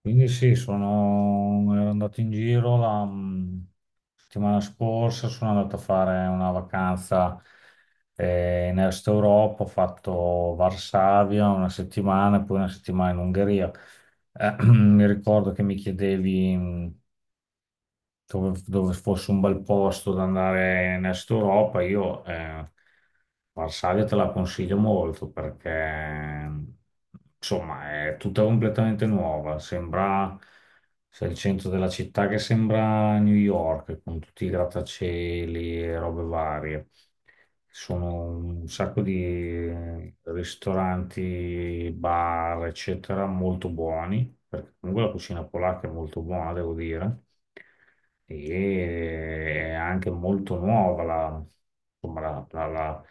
Quindi sì, sono, ero andato in giro la settimana scorsa, sono andato a fare una vacanza in Est Europa, ho fatto Varsavia una settimana e poi una settimana in Ungheria. Mi ricordo che mi chiedevi dove fosse un bel posto da andare in Est Europa, io Varsavia te la consiglio molto, perché insomma è tutta completamente nuova. Sembra, c'è il centro della città che sembra New York con tutti i grattacieli e robe varie. Ci sono un sacco di ristoranti, bar, eccetera, molto buoni, perché comunque la cucina polacca è molto buona, devo dire. E è anche molto nuova la, insomma,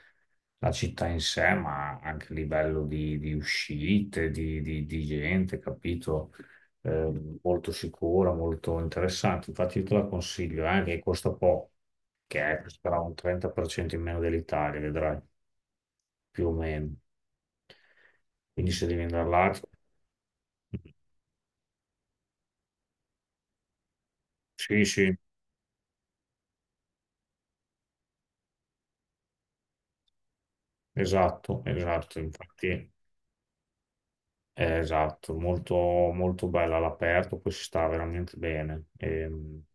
la città in sé, ma anche a livello di uscite, di, di gente, capito? Molto sicura, molto interessante. Infatti io te la consiglio, che costa poco, costerà un 30% in meno dell'Italia, vedrai, più o meno. Quindi se devi andare là. Sì, sì, esatto, esatto, infatti. Esatto, molto, molto bella all'aperto, poi si sta veramente bene. Ehm,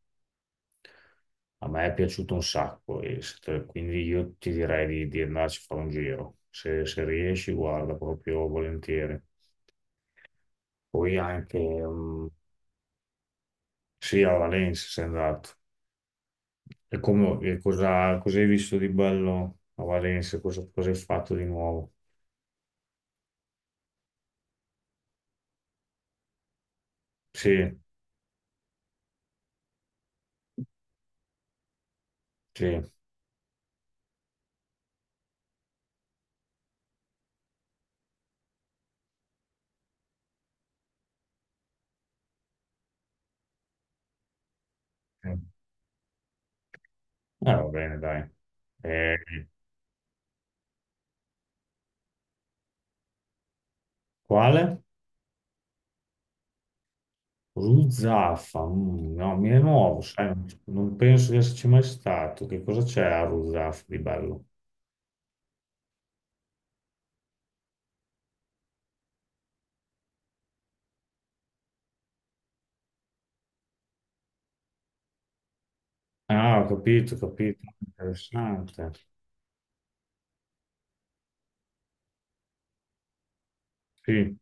a me è piaciuto un sacco, e se te- quindi io ti direi di andarci a fare un giro. Se riesci, guarda, proprio volentieri. Poi anche, sì, a Valencia sei andato. E cosa hai visto di bello a Valencia? Cosa hai fatto di nuovo? Sì, sì. Sì. Ah, va bene, dai. Eh, Quale? Rusaffa, no, mi è nuovo, sai, non penso di esserci mai stato. Che cosa c'è a Rusaffa di bello? Ah, ho capito, interessante. Sì,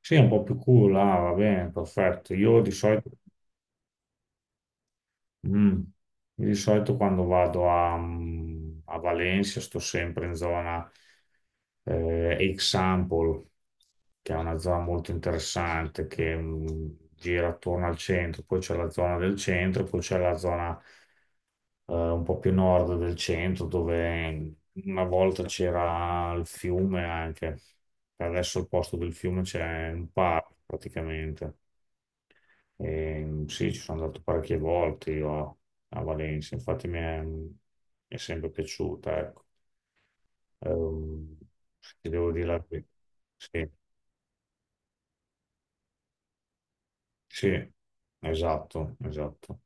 sì, è un po' più cool, ah, va bene, perfetto. Mm, io di solito quando vado a, a Valencia sto sempre in zona Example, che è una zona molto interessante, che gira attorno al centro. Poi c'è la zona del centro, poi c'è la zona un po' più a nord del centro, dove una volta c'era il fiume anche. Adesso al posto del fiume c'è un parco praticamente. E, sì, ci sono andato parecchie volte io a Valencia, infatti mi è sempre piaciuta, ecco. Ehm, ti devo dire la verità. Sì, sì, esatto, esatto.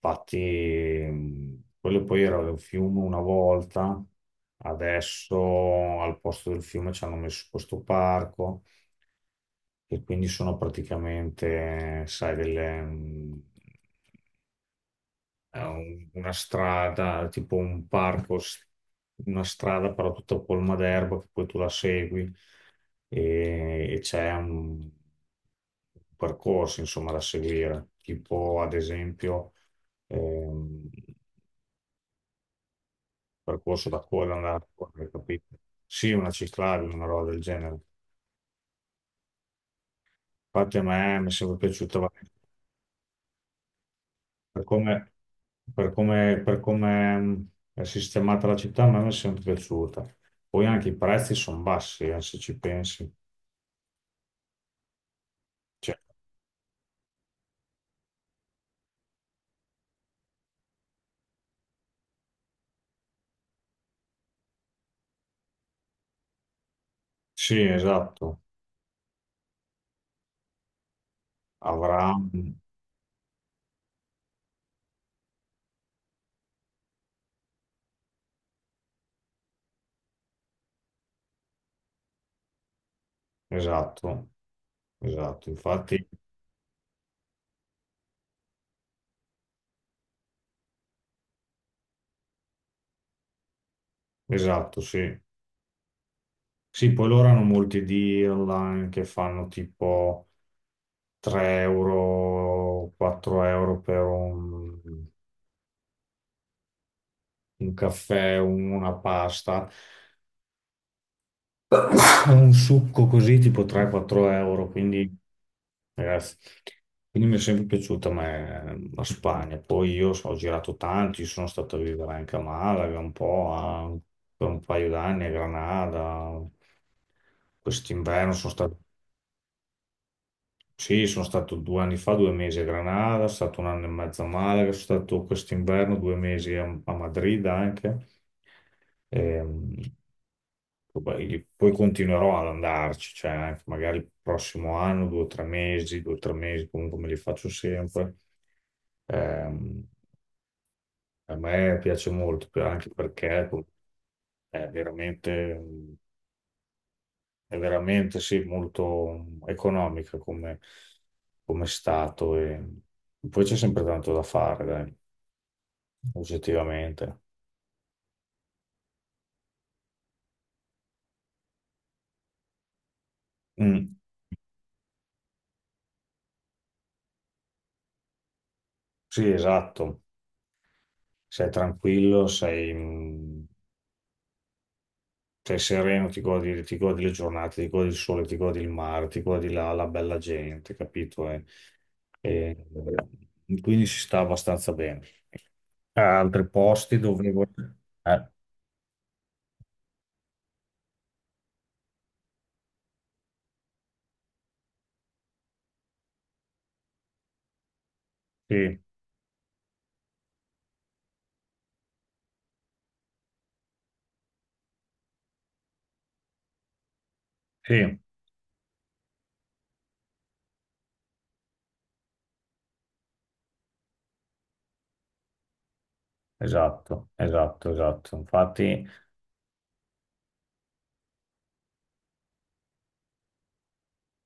Infatti, quello poi era un fiume una volta, adesso al posto del fiume ci hanno messo questo parco, e quindi sono praticamente, sai, delle, è una strada, tipo un parco, una strada però tutta colma d'erba, che poi tu la segui e c'è un percorso, insomma, da seguire, tipo ad esempio. Ehm, percorso da correre, andare a correre, capito? Sì, una ciclabile, una roba del genere. Infatti a me mi è sempre piaciuta per come è sistemata la città, a me mi è sempre piaciuta. Poi anche i prezzi sono bassi, se ci pensi. Cioè, sì, esatto, avrà, esatto, esatto, infatti, esatto, sì. Sì, poi loro hanno molti deal online che fanno tipo 3 euro, 4 euro per un caffè, una pasta, un succo così tipo 3-4 euro, quindi ragazzi, quindi mi è sempre piaciuta ma la Spagna. Poi io ho girato tanti, sono stato a vivere anche a Malaga un po', per un paio d'anni a Granada. Quest'inverno sono stato. Sì, sono stato 2 anni fa, 2 mesi a Granada, sono stato un anno e mezzo a Malaga, sono stato quest'inverno 2 mesi a Madrid anche. Ehm, poi continuerò ad andarci, cioè anche magari il prossimo anno, 2 o 3 mesi, 2 o 3 mesi, comunque me li faccio sempre. Ehm, a me piace molto, anche perché è veramente. È veramente, sì, molto economica come, come stato, e poi c'è sempre tanto da fare, dai, oggettivamente. Mm, sì, esatto. Sei tranquillo, sei sereno, ti godi le giornate, ti godi il sole, ti godi il mare, ti godi la bella gente, capito? E- quindi si sta abbastanza bene. A altri posti dove. Eh, sì, sì, esatto, esatto, esatto. Infatti.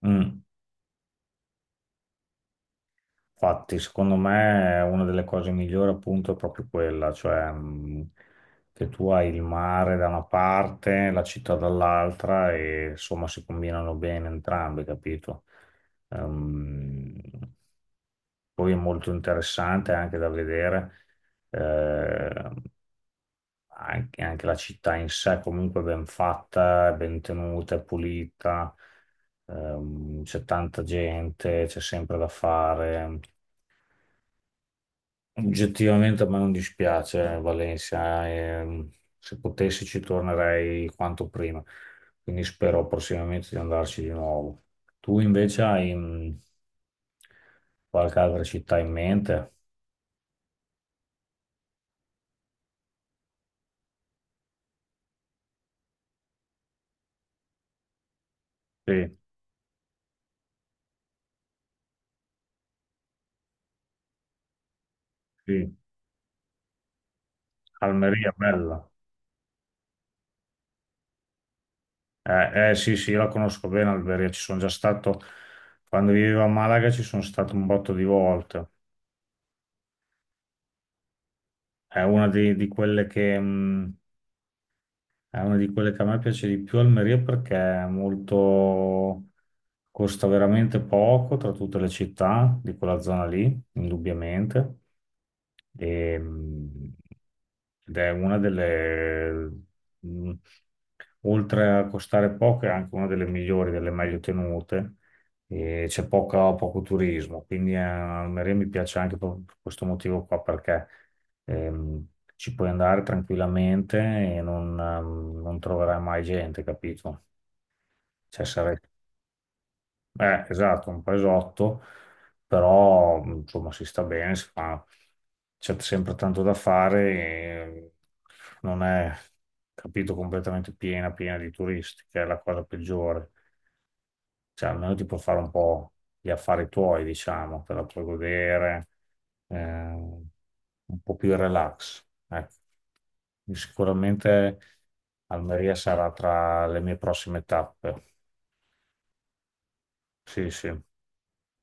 Mm. Infatti, secondo me una delle cose migliori appunto è proprio quella, cioè che tu hai il mare da una parte, la città dall'altra e insomma si combinano bene entrambi, capito? Ehm, poi è molto interessante anche da vedere. Eh, anche la città in sé comunque ben fatta, ben tenuta, è pulita, c'è tanta gente, c'è sempre da fare. Oggettivamente a me non dispiace Valencia, se potessi ci tornerei quanto prima, quindi spero prossimamente di andarci di nuovo. Tu invece hai qualche altra città in mente? Sì, sì, Almeria, bella. Sì, sì, io la conosco bene Alberia, ci sono già stato, quando vivevo a Malaga ci sono stato un botto di volte. È una di, di quelle che, mh, è una di quelle che a me piace di più Almeria, perché costa veramente poco tra tutte le città di quella zona lì, indubbiamente. E, ed è una delle, mh, oltre a costare poco, è anche una delle migliori, delle meglio tenute. E c'è poco turismo, quindi Almeria mi piace anche per questo motivo qua, perché ehm, ci puoi andare tranquillamente e non troverai mai gente, capito? Cioè, sarai esatto, un paesotto, però insomma si sta bene, c'è sempre tanto da fare, e non è capito completamente piena, piena di turisti, che è la cosa peggiore. Cioè, almeno ti puoi fare un po' gli affari tuoi, diciamo, te la puoi godere, un po' più relax. Ecco. Sicuramente Almeria sarà tra le mie prossime tappe. Sì, sì.